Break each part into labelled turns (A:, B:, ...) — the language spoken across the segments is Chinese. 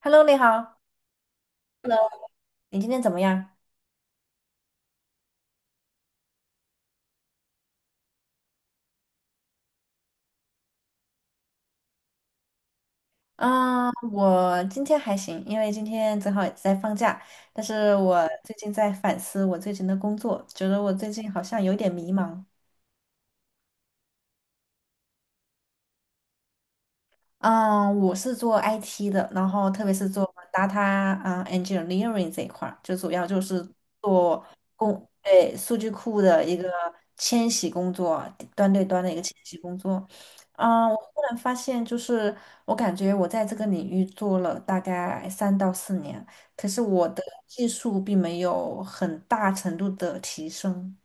A: Hello，你好。Hello，你今天怎么样？我今天还行，因为今天正好也在放假。但是我最近在反思我最近的工作，觉得我最近好像有点迷茫。嗯，我是做 IT 的，然后特别是做 data engineering 这一块儿，就主要就是对，数据库的一个迁徙工作，端对端的一个迁徙工作。我忽然发现，就是我感觉我在这个领域做了大概三到四年，可是我的技术并没有很大程度的提升。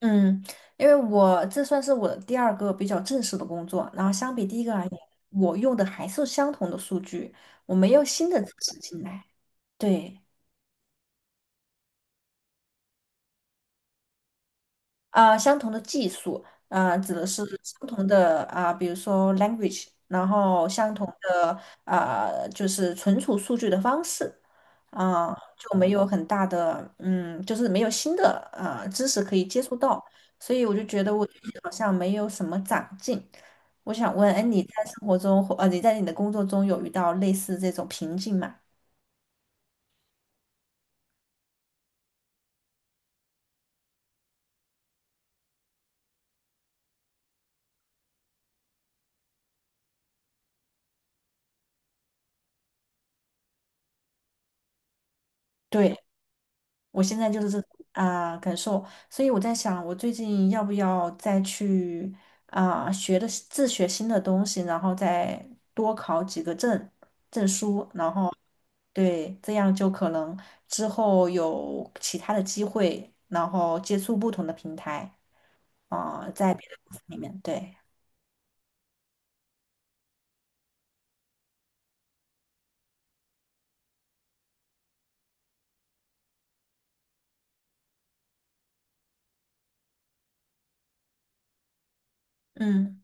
A: 嗯，因为我这算是我的第二个比较正式的工作，然后相比第一个而言，我用的还是相同的数据，我没有新的知识进来。对。相同的技术，指的是相同的比如说 language，然后相同的就是存储数据的方式，就没有很大的，嗯，就是没有新的知识可以接触到，所以我就觉得我最近好像没有什么长进。我想问，哎，你在生活中或，你在你的工作中有遇到类似这种瓶颈吗？对。我现在就是这种感受，所以我在想，我最近要不要再去学的自学新的东西，然后再多考几个证书，然后对，这样就可能之后有其他的机会，然后接触不同的平台在别的公司里面，对，嗯。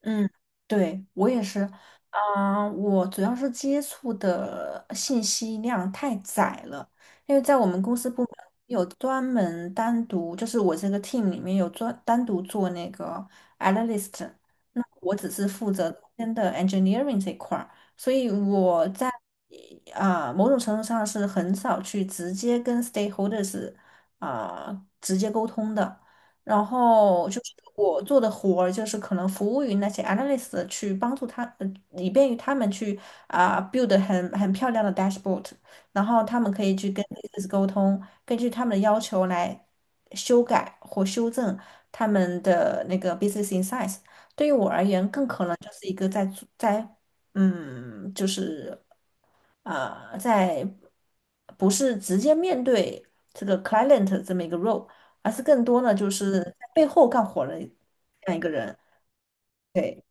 A: 嗯，对，我也是，我主要是接触的信息量太窄了，因为在我们公司部门有专门单独，就是我这个 team 里面有专单独做那个 analyst，那我只是负责中间的 engineering 这一块儿，所以我在某种程度上是很少去直接跟 stakeholders 直接沟通的。然后就是我做的活儿，就是可能服务于那些 analyst 去帮助他，以便于他们去build 很漂亮的 dashboard，然后他们可以去跟 business 沟通，根据他们的要求来修改或修正他们的那个 business insights。嗯，就是啊，在不是直接面对这个 client 这么一个 role，而是更多呢就是在背后干活的这样一个人。对，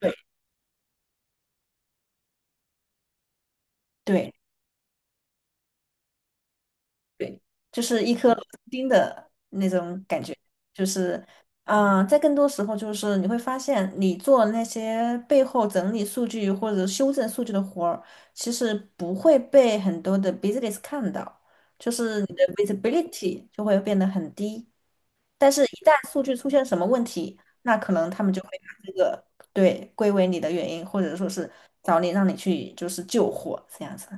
A: 对。对对，就是一颗螺丝钉的那种感觉，就是，啊，在更多时候就是你会发现，你做那些背后整理数据或者修正数据的活儿，其实不会被很多的 business 看到，就是你的 visibility 就会变得很低。但是，一旦数据出现什么问题，那可能他们就会把这个对归为你的原因，或者说是找你让你去就是救火这样子。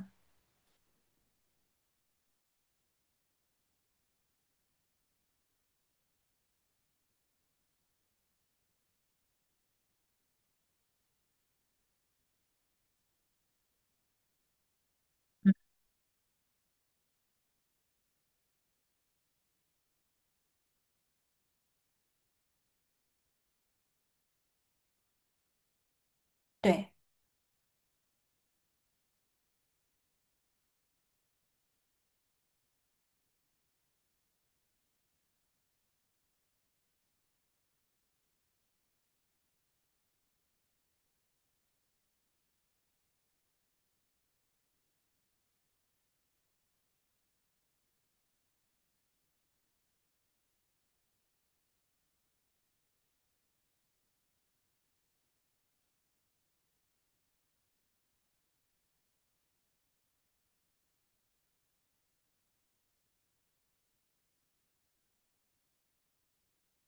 A: 对。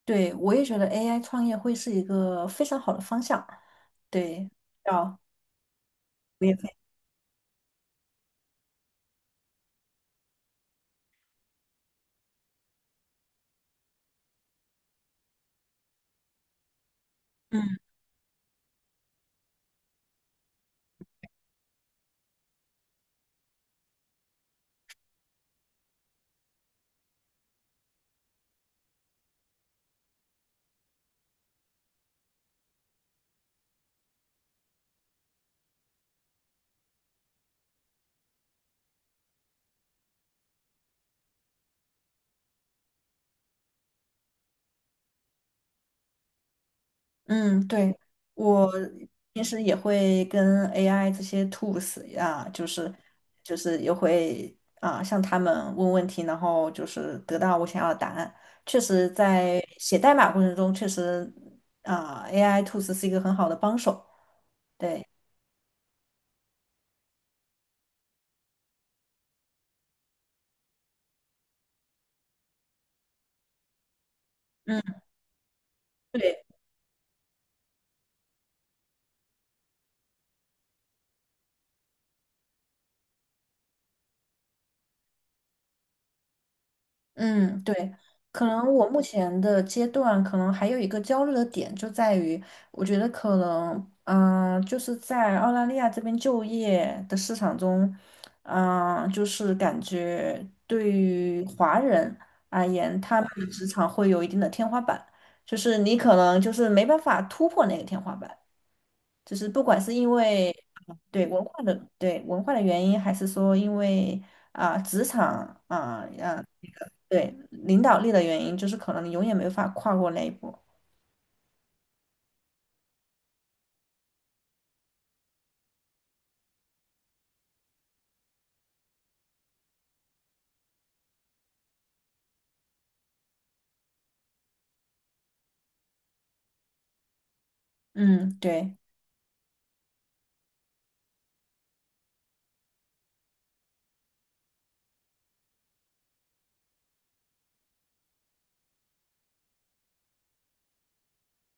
A: 对，我也觉得 AI 创业会是一个非常好的方向。对，要我也嗯嗯，对，我平时也会跟 AI 这些 tools 啊，就是就是也会啊向他们问问题，然后就是得到我想要的答案。确实，在写代码过程中，确实啊 AI tools 是一个很好的帮手。对，嗯。对。嗯，对，可能我目前的阶段，可能还有一个焦虑的点就在于，我觉得可能，就是在澳大利亚这边就业的市场中，就是感觉对于华人而言，他们的职场会有一定的天花板，就是你可能就是没办法突破那个天花板，就是不管是因为对文化的原因，还是说因为。职场啊啊、呃对，领导力的原因就是可能你永远没法跨过那一步。嗯，对，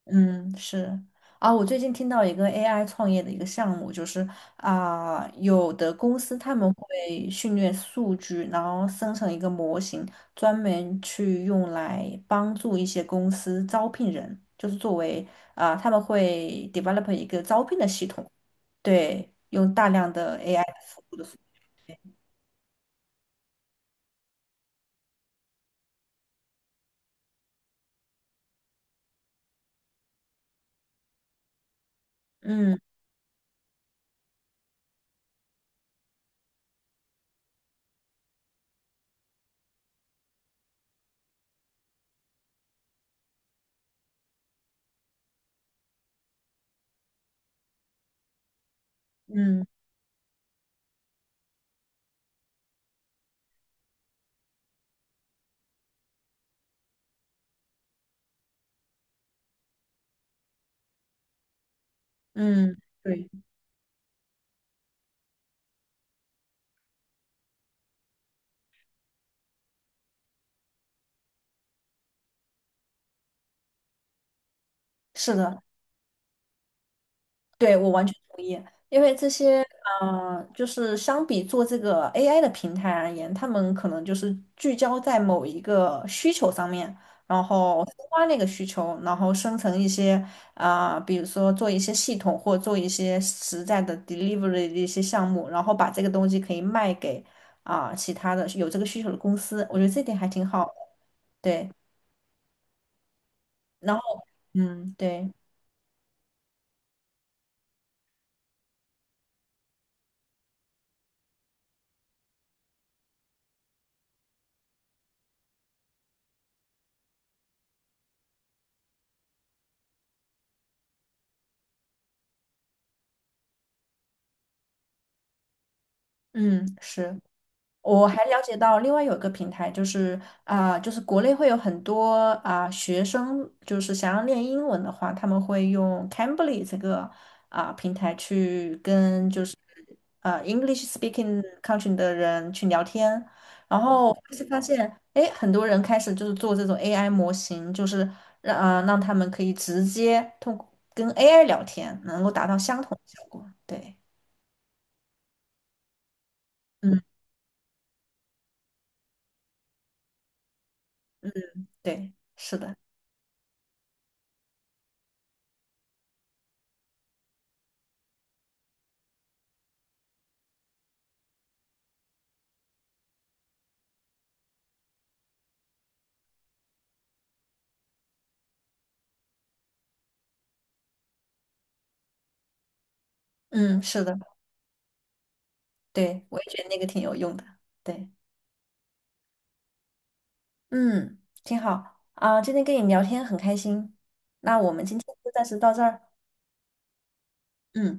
A: 嗯，是。啊，我最近听到一个 AI 创业的一个项目，就是有的公司他们会训练数据，然后生成一个模型，专门去用来帮助一些公司招聘人，就是作为他们会 develop 一个招聘的系统，对，用大量的 AI 服务的，嗯嗯嗯，对，是的。对，我完全同意，因为这些，就是相比做这个 AI 的平台而言，他们可能就是聚焦在某一个需求上面，然后深挖那个需求，然后生成一些，比如说做一些系统或做一些实在的 delivery 的一些项目，然后把这个东西可以卖给其他的有这个需求的公司，我觉得这点还挺好的。对，然后，嗯，对，嗯，是。我还了解到另外有一个平台，就是就是国内会有很多学生，就是想要练英文的话，他们会用 Cambly 这个平台去跟就是啊 English speaking country 的人去聊天，然后就是发现，哎，很多人开始就是做这种 AI 模型，就是让让他们可以直接通过跟 AI 聊天，能够达到相同的效果。对，嗯，对，是的，嗯，是的。对，我也觉得那个挺有用的。对，嗯，挺好啊，今天跟你聊天很开心。那我们今天就暂时到这儿。嗯。